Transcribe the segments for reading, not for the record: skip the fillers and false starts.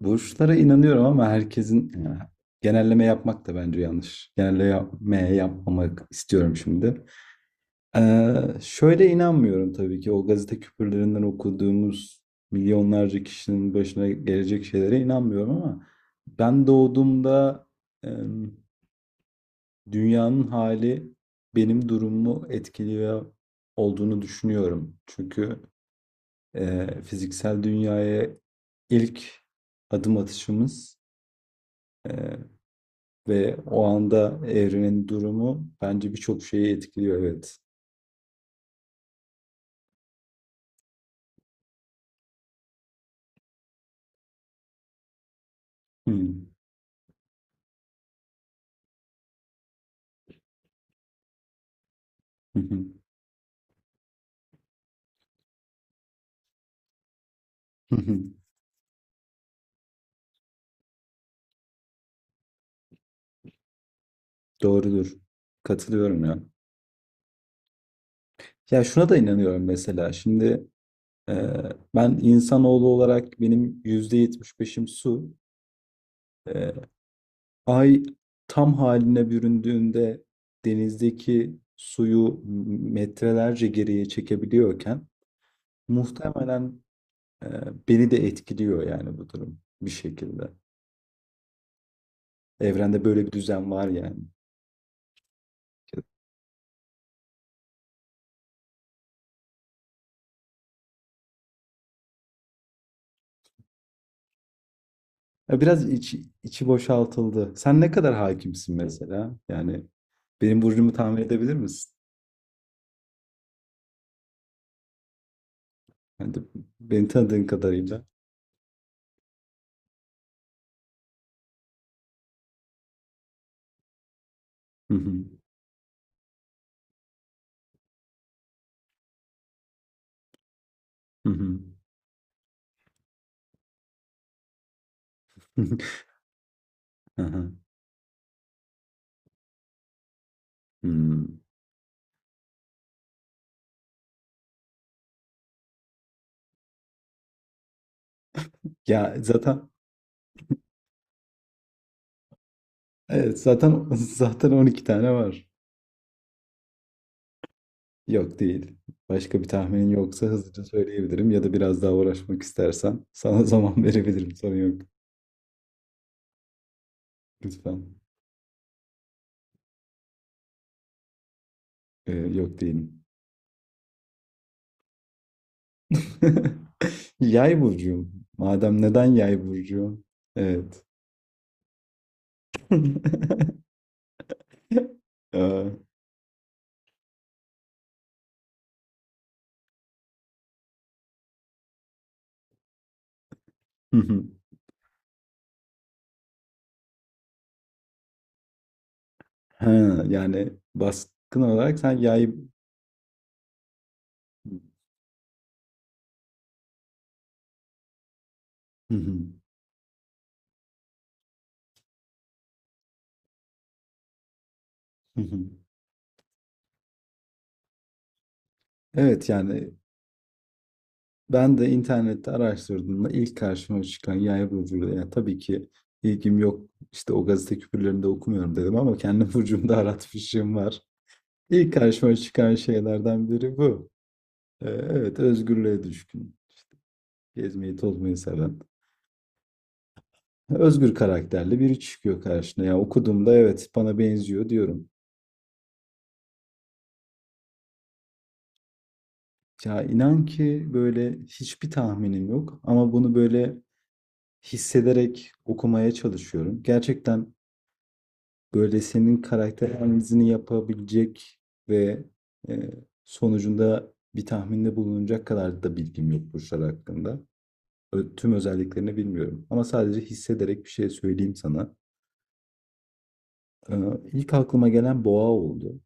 Burçlara inanıyorum ama herkesin genelleme yapmak da bence yanlış. Genelleme yapmamak istiyorum şimdi. Ee, Şöyle inanmıyorum tabii ki o gazete küpürlerinden okuduğumuz milyonlarca kişinin başına gelecek şeylere inanmıyorum ama ben doğduğumda e, dünyanın hali benim durumumu etkiliyor olduğunu düşünüyorum. Çünkü fiziksel dünyaya ilk adım atışımız e, ve o anda evrenin durumu bence birçok şeyi etkiliyor, evet. Hmm. Doğrudur. Katılıyorum ya. Ya şuna da inanıyorum mesela. Şimdi e, ben insanoğlu olarak benim %75'im su. E, Ay tam haline büründüğünde denizdeki suyu metrelerce geriye çekebiliyorken muhtemelen e, beni de etkiliyor yani bu durum bir şekilde. Evrende böyle bir düzen var yani. Ya biraz içi boşaltıldı. Sen ne kadar hakimsin mesela? Yani benim burcumu tahmin edebilir misin? Yani de- Beni tanıdığın kadarıyla. Hı hı, hı hı, hı hı. Hmm. Ya zaten Evet, zaten 12 tane var. Yok, değil. Başka bir tahminin yoksa hızlıca söyleyebilirim, ya da biraz daha uğraşmak istersen sana zaman verebilirim. Sorun yok. Lütfen. Yok, değilim. Yay burcu. Madem neden yay burcu? Evet. Eee, hı hı. Ha, yani baskın olarak sen yayı. Hı hı, hı hı. Evet, yani ben de internette araştırdığımda ilk karşıma çıkan yay burcuydu. Yani tabii ki ilgim yok, işte o gazete küpürlerinde okumuyorum dedim ama kendi burcumda aratmışım var. İlk karşıma çıkan şeylerden biri bu. Evet, özgürlüğe düşkün. Gezmeyi tozmayı seven. Özgür karakterli biri çıkıyor karşına. Ya okuduğumda evet bana benziyor diyorum. Ya inan ki böyle hiçbir tahminim yok ama bunu böyle hissederek okumaya çalışıyorum. Gerçekten böyle senin karakter analizini yapabilecek ve e, sonucunda bir tahminde bulunacak kadar da bilgim yok burçlar hakkında. Tüm özelliklerini bilmiyorum ama sadece hissederek bir şey söyleyeyim sana. Ee, ilk aklıma gelen boğa oldu.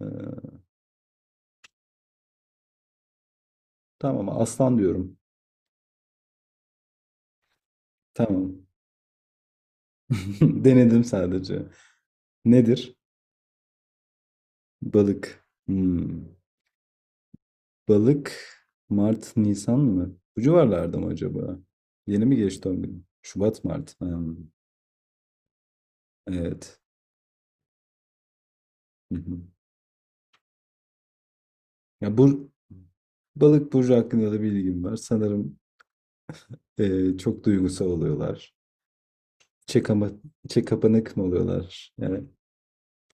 Ee, tamam, aslan diyorum. Tamam. Denedim sadece. Nedir? Balık. Hmm. Balık. Mart, Nisan mı? Bu civarlarda mı acaba? Yeni mi geçti 10 gün? Şubat, Mart. Hmm, evet. Hı hı. Ya bu balık burcu hakkında da bilgim var. Sanırım çok duygusal oluyorlar. İçe, kama, içe kapanık mı oluyorlar? Yani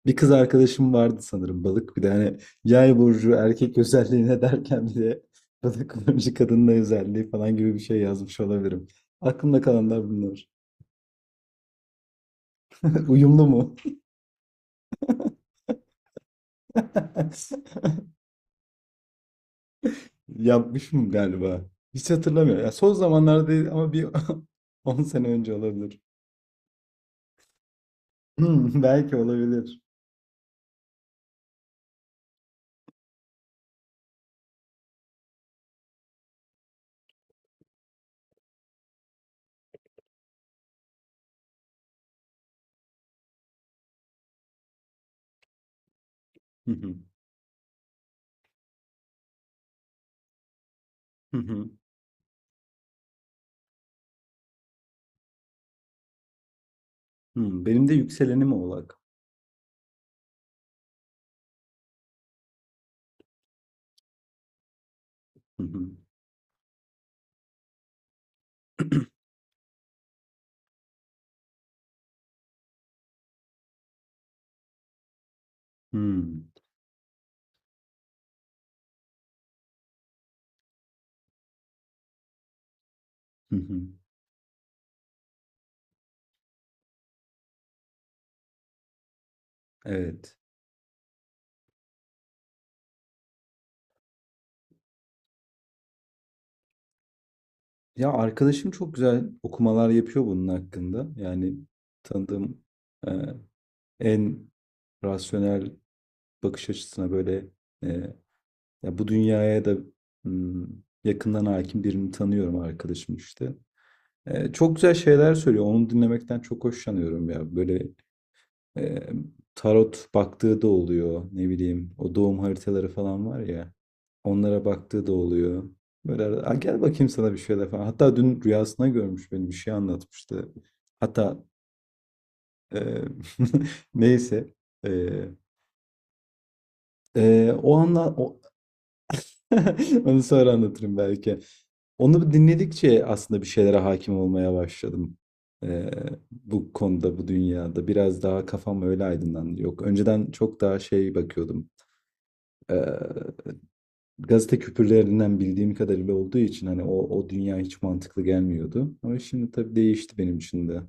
bir kız arkadaşım vardı sanırım balık. Bir de hani yay burcu erkek özelliğine derken bir de balık burcu kadının özelliği falan gibi bir şey yazmış olabilirim. Aklımda kalanlar bunlar. Uyumlu mu? Yapmışım galiba. Hiç hatırlamıyorum. Ya son zamanlarda değil ama bir 10 sene önce olabilir. Hmm, belki olabilir. Hı hı, hı hı, hı. Benim de yükselenim Oğlak. Hı hı, hı, hı hı. Evet. Ya arkadaşım çok güzel okumalar yapıyor bunun hakkında. Yani tanıdığım e, en rasyonel bakış açısına böyle e, ya bu dünyaya da hmm, yakından hakim birini tanıyorum, arkadaşım işte. Çok güzel şeyler söylüyor. Onu dinlemekten çok hoşlanıyorum ya. Böyle e, tarot baktığı da oluyor. Ne bileyim, o doğum haritaları falan var ya. Onlara baktığı da oluyor. Böyle arada, "Aa, gel bakayım sana bir şeyler" falan. Hatta dün rüyasına görmüş, beni bir şey anlatmıştı. Hatta e, neyse. E, O anla o onu sonra anlatırım belki. Onu dinledikçe aslında bir şeylere hakim olmaya başladım. Ee, Bu konuda, bu dünyada biraz daha kafam öyle aydınlandı. Yok, önceden çok daha şey bakıyordum. Ee, Gazete küpürlerinden bildiğim kadarıyla olduğu için hani o dünya hiç mantıklı gelmiyordu. Ama şimdi tabii değişti benim için de.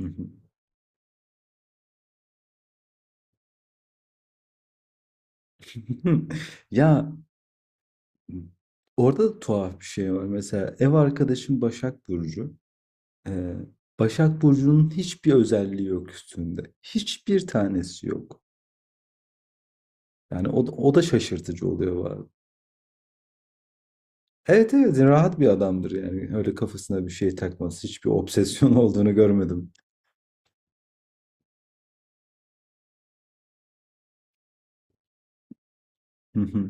Hı hı. Ya orada da tuhaf bir şey var. Mesela ev arkadaşım Başak Burcu. Eee, Başak Burcu'nun hiçbir özelliği yok üstünde. Hiçbir tanesi yok. Yani o da şaşırtıcı oluyor bazen. Evet, evet, rahat bir adamdır yani. Öyle kafasına bir şey takmaz. Hiçbir obsesyon olduğunu görmedim. Hı hı.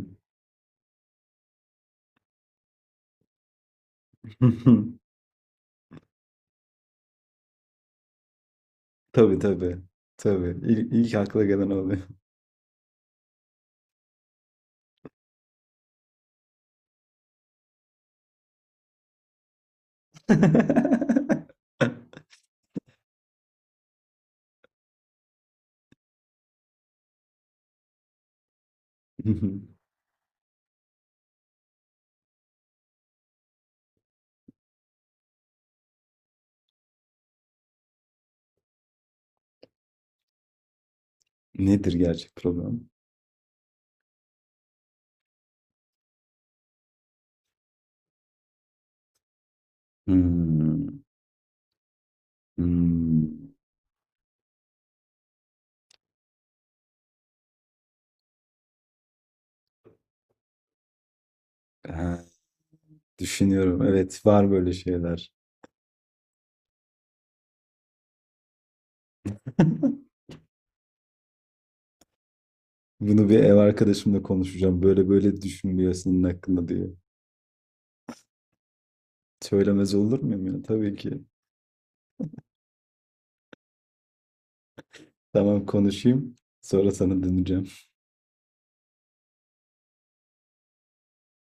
Tabii, tabii. Tabii. İlk akla gelen oluyor. Nedir gerçek problem? Hmm, hmm. Ha, düşünüyorum. Evet, var böyle şeyler. Bunu bir ev arkadaşımla konuşacağım. Böyle böyle düşünülüyor senin hakkında diyor. Söylemez olur muyum ya? Tabii ki. Tamam, konuşayım. Sonra sana döneceğim.